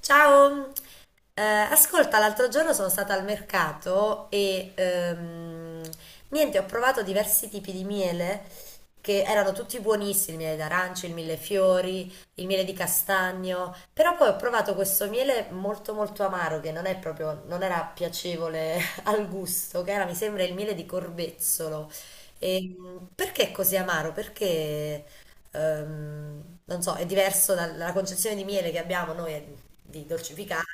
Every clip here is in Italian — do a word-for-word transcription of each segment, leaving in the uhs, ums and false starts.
Ciao. Eh, ascolta, l'altro giorno sono stata al mercato e ehm, niente, ho provato diversi tipi di miele che erano tutti buonissimi: il miele d'arancio, il millefiori, il miele di castagno. Però poi ho provato questo miele molto molto amaro che non è proprio, non era piacevole al gusto, che era, mi sembra, il miele di corbezzolo. E mh, perché è così amaro? Perché ehm, non so, è diverso dal- dalla concezione di miele che abbiamo noi, eh, di dolcificante.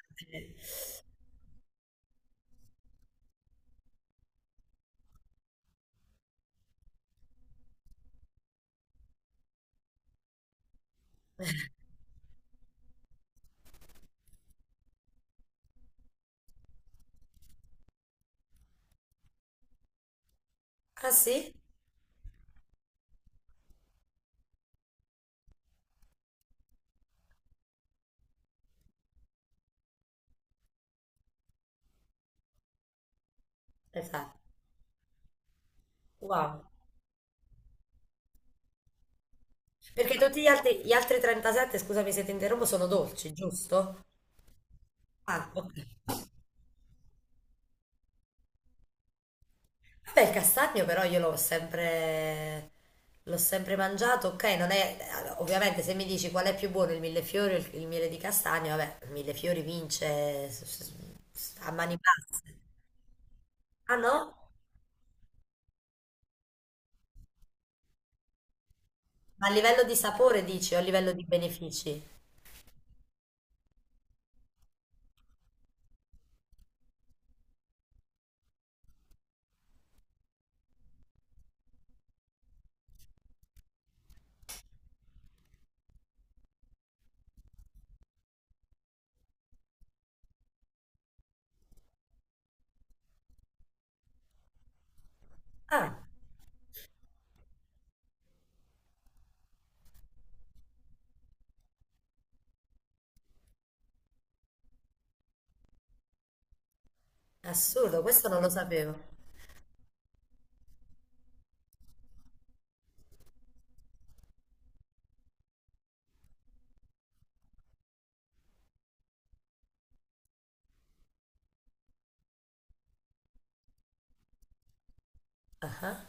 Ah sì? Esatto. Wow. Perché tutti gli altri, gli altri trentasette, scusami se ti interrompo, sono dolci, giusto? Ah, ok. Vabbè, il castagno però io l'ho sempre, l'ho sempre mangiato. Ok, non è, allora, ovviamente se mi dici qual è più buono il millefiori o il, il miele di castagno, vabbè, il millefiori vince s- s- s- a mani basse. Ah no? Ma a livello di sapore dici o a livello di benefici? Ah, assurdo, questo non lo sapevo. Ah.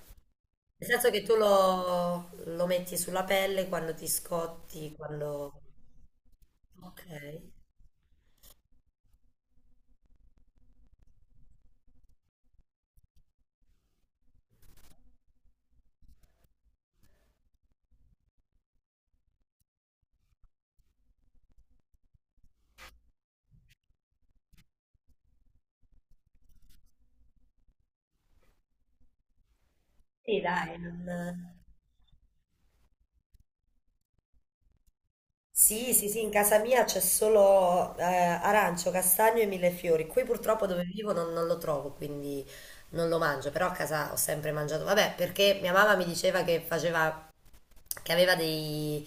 Nel senso che tu lo, lo metti sulla pelle quando ti scotti, quando... Ok. Sì, dai, non... Sì, sì, sì, in casa mia c'è solo eh, arancio, castagno e millefiori. Qui purtroppo dove vivo non, non lo trovo, quindi non lo mangio, però a casa ho sempre mangiato. Vabbè, perché mia mamma mi diceva che faceva, che aveva dei,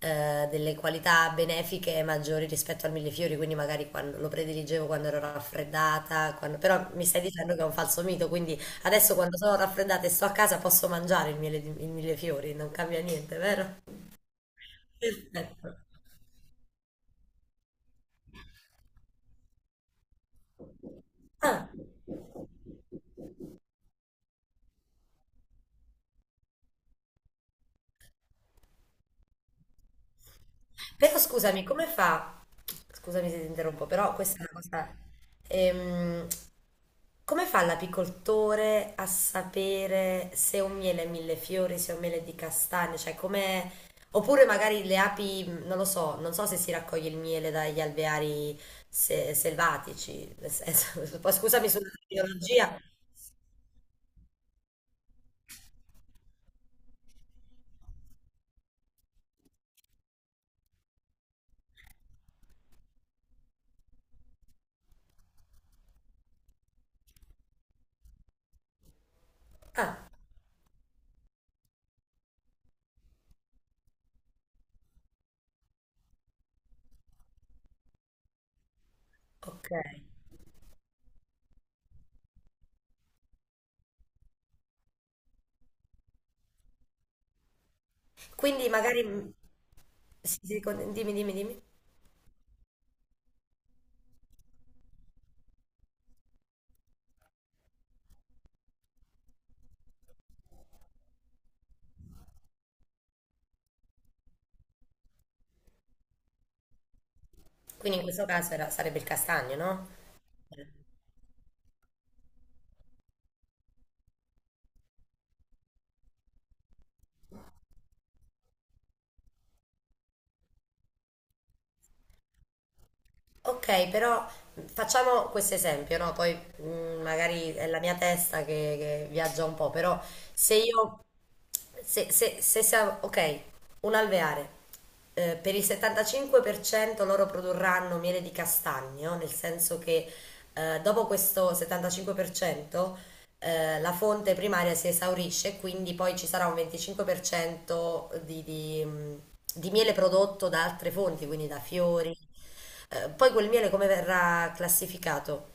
eh, delle qualità benefiche maggiori rispetto al millefiori, quindi magari quando- lo prediligevo quando ero raffreddata, quando- però mi stai dicendo che è un falso mito, quindi adesso quando sono raffreddata e sto a casa posso mangiare il miele- il millefiori, non cambia niente, vero? Perfetto. Ah. Però scusami, come fa? Scusami se ti interrompo, però questa è una cosa. ehm, Come fa l'apicoltore a sapere se un miele è millefiori, se è un miele è di castagne? Cioè, come. Oppure magari le api, mh, non lo so, non so se si raccoglie il miele dagli alveari se- selvatici, nel senso- poi scusami sulla terminologia. Ah, ok. Quindi magari. mh, sì, sì, con- dimmi, dimmi, dimmi. Quindi in questo caso era- sarebbe il castagno, no? Eh. Ok, però facciamo questo esempio, no? Poi mm, magari è la mia testa che, che viaggia un po', però se io se, se, se siamo, ok, un alveare, eh, per il settantacinque per cento loro produrranno miele di castagno, nel senso che, eh, dopo questo settantacinque per cento, eh, la fonte primaria si esaurisce, quindi poi ci sarà un venticinque per cento di, di, mh, di miele prodotto da altre fonti, quindi da fiori. Eh, poi quel miele come verrà classificato?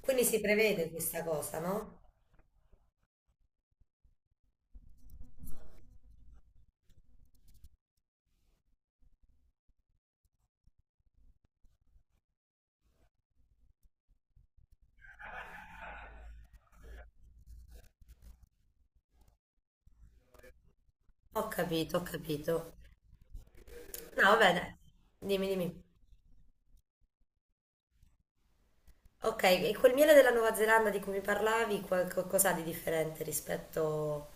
Quindi si prevede questa cosa, no? Ho capito, ho capito. No, vabbè, dai. Dimmi, dimmi. Ok, e quel miele della Nuova Zelanda di cui mi parlavi, qual- co- cos'ha di differente rispetto...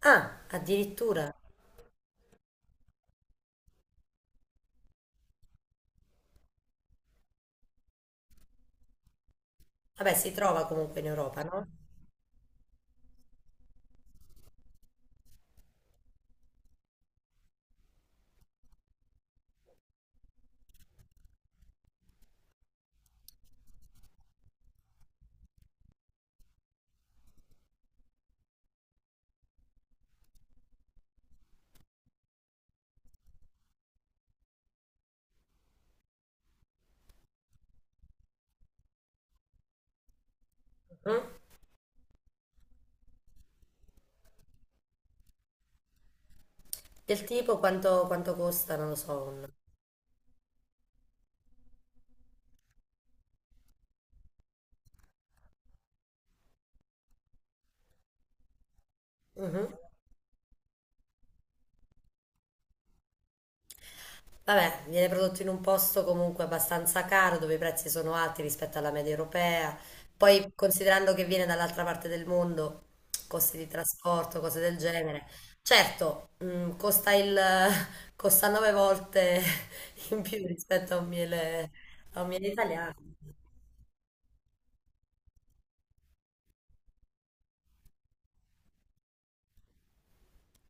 Ah, addirittura. Vabbè, si trova comunque in Europa, no? Mm? Del tipo quanto, quanto costa, non lo so, un... Mhm. Vabbè, viene prodotto in un posto comunque abbastanza caro, dove i prezzi sono alti rispetto alla media europea. Poi, considerando che viene dall'altra parte del mondo, costi di trasporto, cose del genere. Certo, mh, costa il, costa nove volte in più rispetto a un miele, a un miele italiano.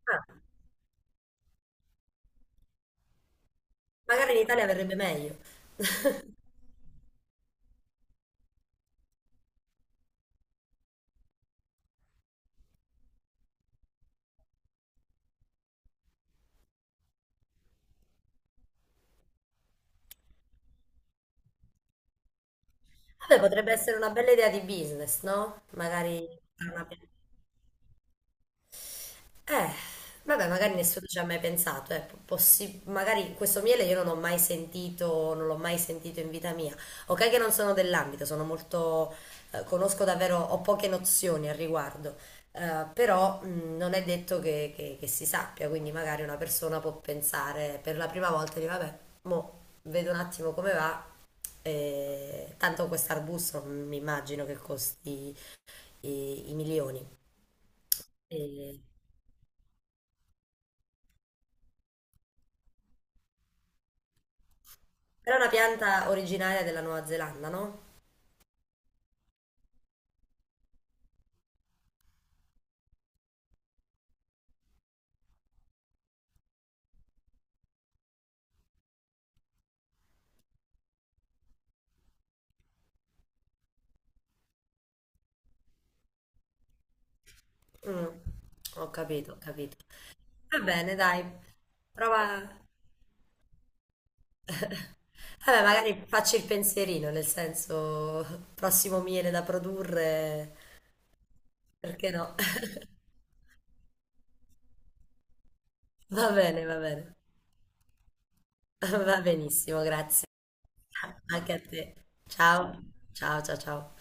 Ah, magari in Italia verrebbe meglio. Vabbè, potrebbe essere una bella idea di business, no? Magari fare una piattaforma. Eh, vabbè, magari nessuno ci ha mai pensato, eh. P- possi- magari questo miele io non ho mai sentito, non l'ho mai sentito in vita mia. Ok che non sono dell'ambito, sono molto, eh, conosco davvero, ho poche nozioni al riguardo. Eh, però mh, non è detto che, che- che si sappia, quindi magari una persona può pensare per la prima volta di vabbè, mo vedo un attimo come va, eh, tanto questo arbusto mi immagino che costi i, i milioni. E- Era una pianta originaria della Nuova Zelanda, no? Mm, ho capito, ho capito. Va bene, dai, prova. Vabbè, magari facci il pensierino, nel senso, prossimo miele da produrre, perché no? Va bene, va bene, va benissimo, grazie. Anche a te. Ciao, ciao, ciao, ciao.